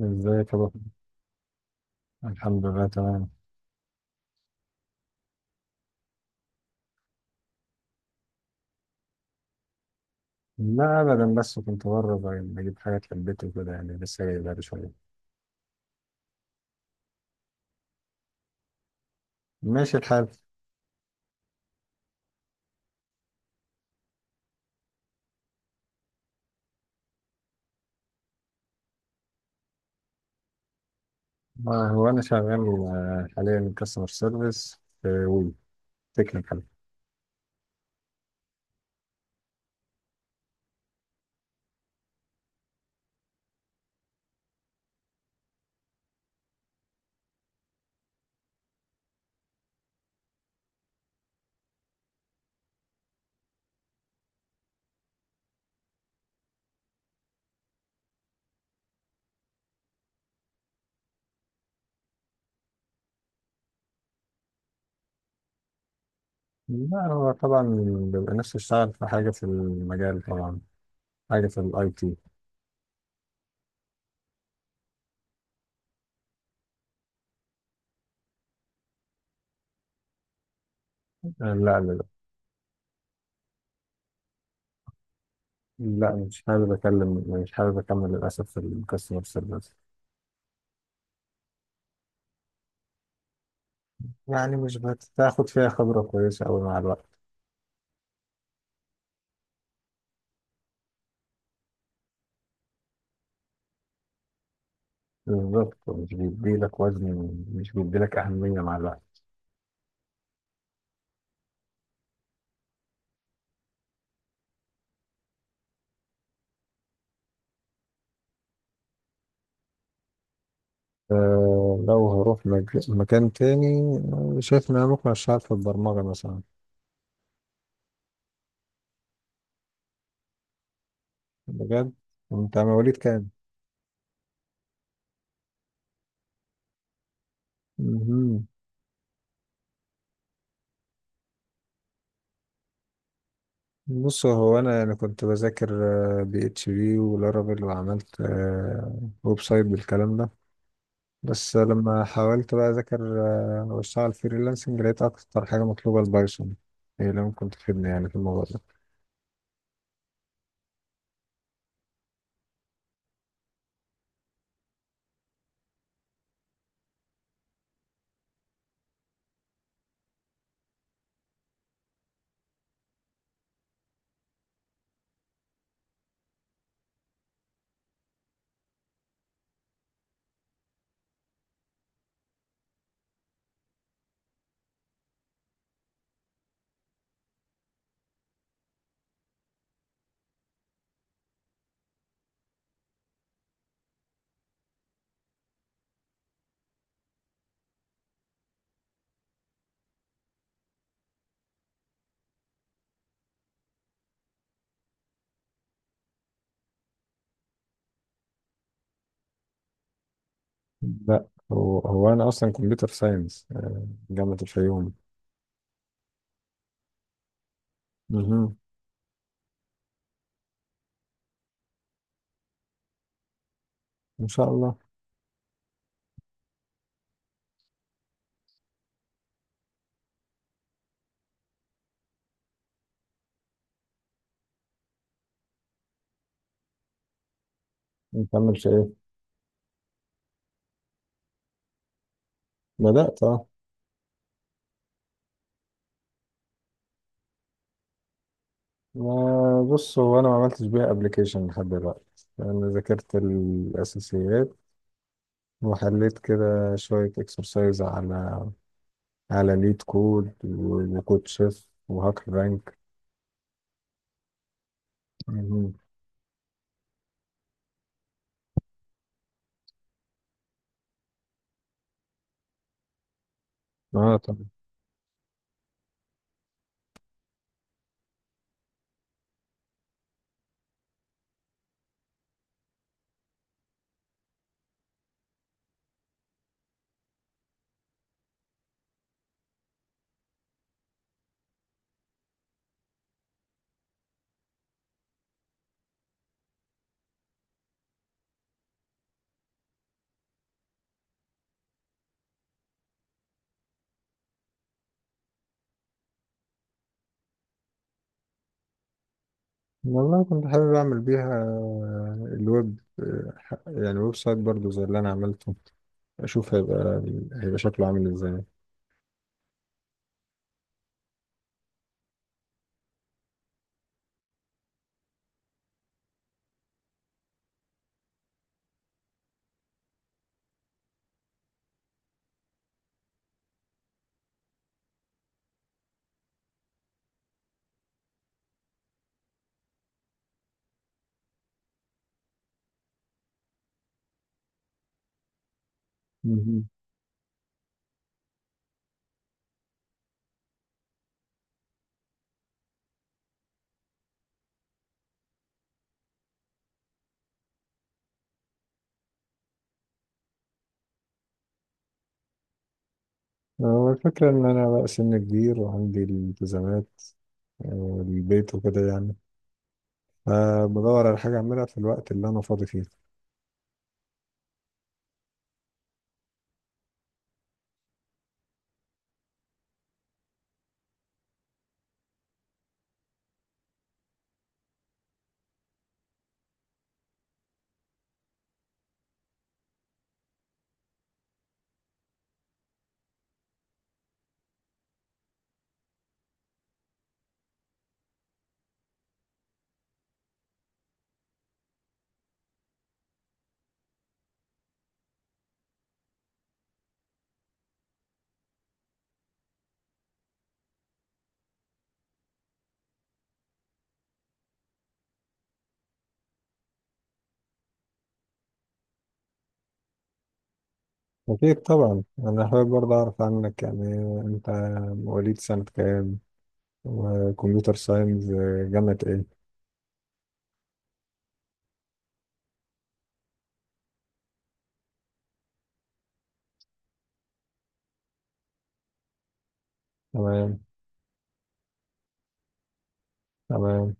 ازيك يا بطل؟ الحمد لله، تمام. لا ابدا، بس كنت بره، بجيب حاجات للبيت وكده، يعني لسه جاي بقالي شويه. ماشي الحال. هو انا شغال حاليا كاستمر سيرفيس في وي تكنيكال. لا، هو طبعا بيبقى نفسي اشتغل في حاجه في المجال، طبعا حاجه في الاي تي. لا لا لا. لا، مش حابب اكمل للاسف في الكاستمر سيرفيس. يعني مش بتاخد فيها خبره كويسه قوي مع الوقت. بالظبط، مش بيديلك وزن، مش بيديلك أهمية مع الوقت. أه، لو هروح مكان تاني، شايف إن أنا ممكن أشتغل في البرمجة مثلا. بجد. أنت مواليد كام؟ مهم. بص، هو أنا يعني كنت بذاكر بي اتش بي ولارافيل، وعملت ويب سايت بالكلام ده. بس لما حاولت بقى أذاكر وأشتغل فريلانسنج، لقيت أكتر حاجة مطلوبة البايثون، هي اللي ممكن تفيدني يعني في الموضوع ده. لا، هو انا اصلا كمبيوتر ساينس جامعة الفيوم. مهم. ان شاء الله. نكمل في ايه؟ بدأت، اه. ما- بص، هو انا ما عملتش بيها ابلكيشن لحد دلوقتي، انا ذاكرت الاساسيات، وحليت كده شوية اكسرسايز على ليد كود وكود شيف وهاكر رانك. مهم. اه طبعا. والله كنت حابب اعمل بيها الويب، يعني ويب سايت برضو زي اللي انا عملته، اشوف هيبقى شكله عامل ازاي. مهم. هو الفكرة ان انا بقى سن كبير، وعندي الالتزامات والبيت وكده، يعني فبدور على حاجة اعملها في الوقت اللي انا فاضي فيه. اكيد طبعا، انا حابب برضه اعرف عنك، يعني انت مواليد سنة كام، وكمبيوتر ساينس جامعة ايه؟ تمام. تمام.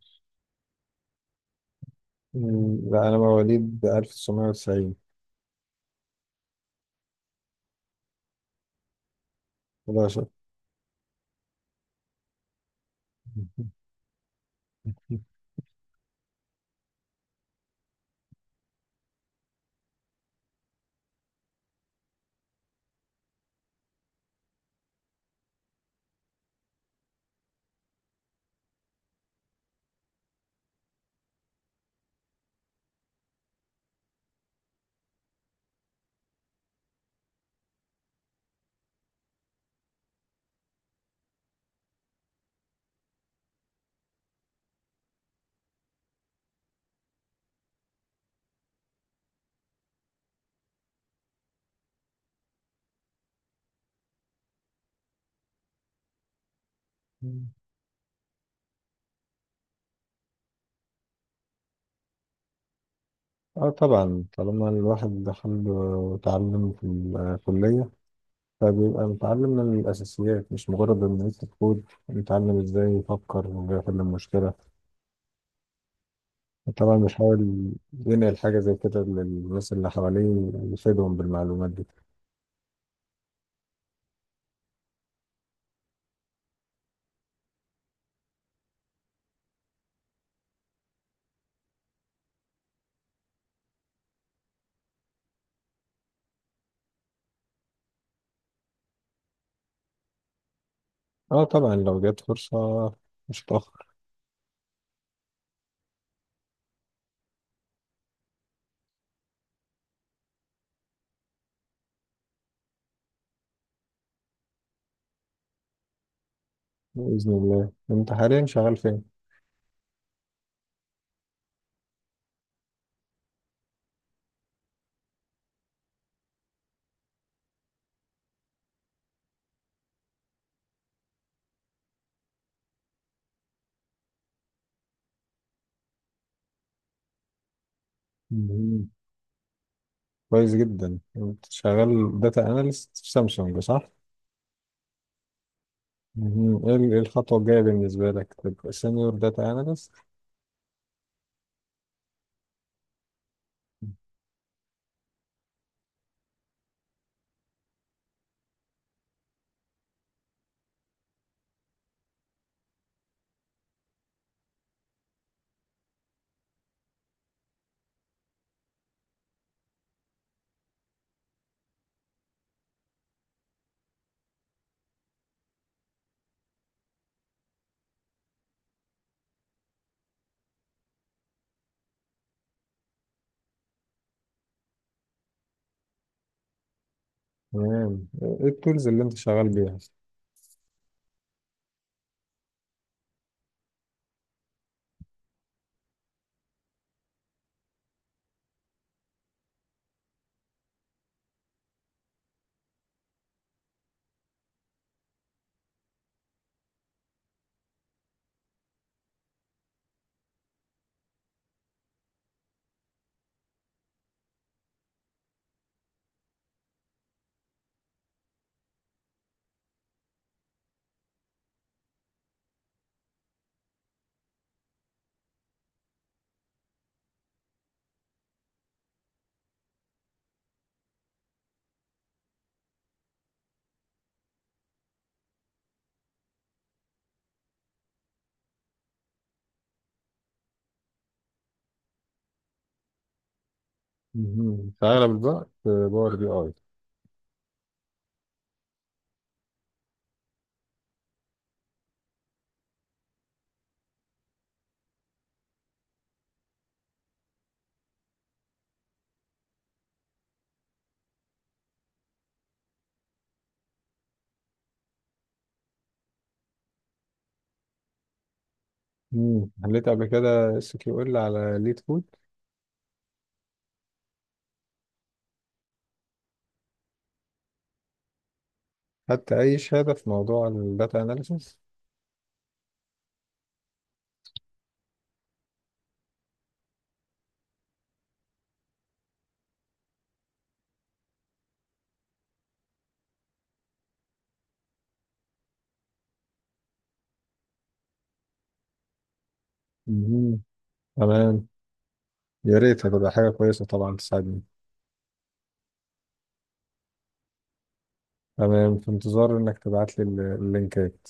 لا انا مواليد 1990. 11. اه طبعا، طالما الواحد دخل وتعلم في الكلية، فبيبقى متعلم من الأساسيات، مش مجرد إن يكتب كود، متعلم إزاي يفكر ويحل المشكلة. طبعا بيحاول ينقل حاجة زي كده للناس اللي حواليه، يفيدهم بالمعلومات دي. اه طبعا، لو جت فرصة مش هتأخر. بإذن الله. أنت حاليا شغال فين؟ مهم. كويس جدا. أنت شغال داتا أناليست في سامسونج، صح؟ مهم. إيه الخطوة الجاية بالنسبة لك؟ تبقى سينيور داتا أناليست؟ تمام. ايه التولز اللي انت شغال بيها؟ مهم. في اغلب الوقت باور بي اي. مم. حليت قبل كده اس كيو ال على ليد كود. حتى اي شهاده في موضوع الداتا اناليسيس؟ مهم. تمام. يا ريت، هتبقى حاجه كويسه طبعا تساعدني. تمام، في انتظار انك تبعت لي اللينكات.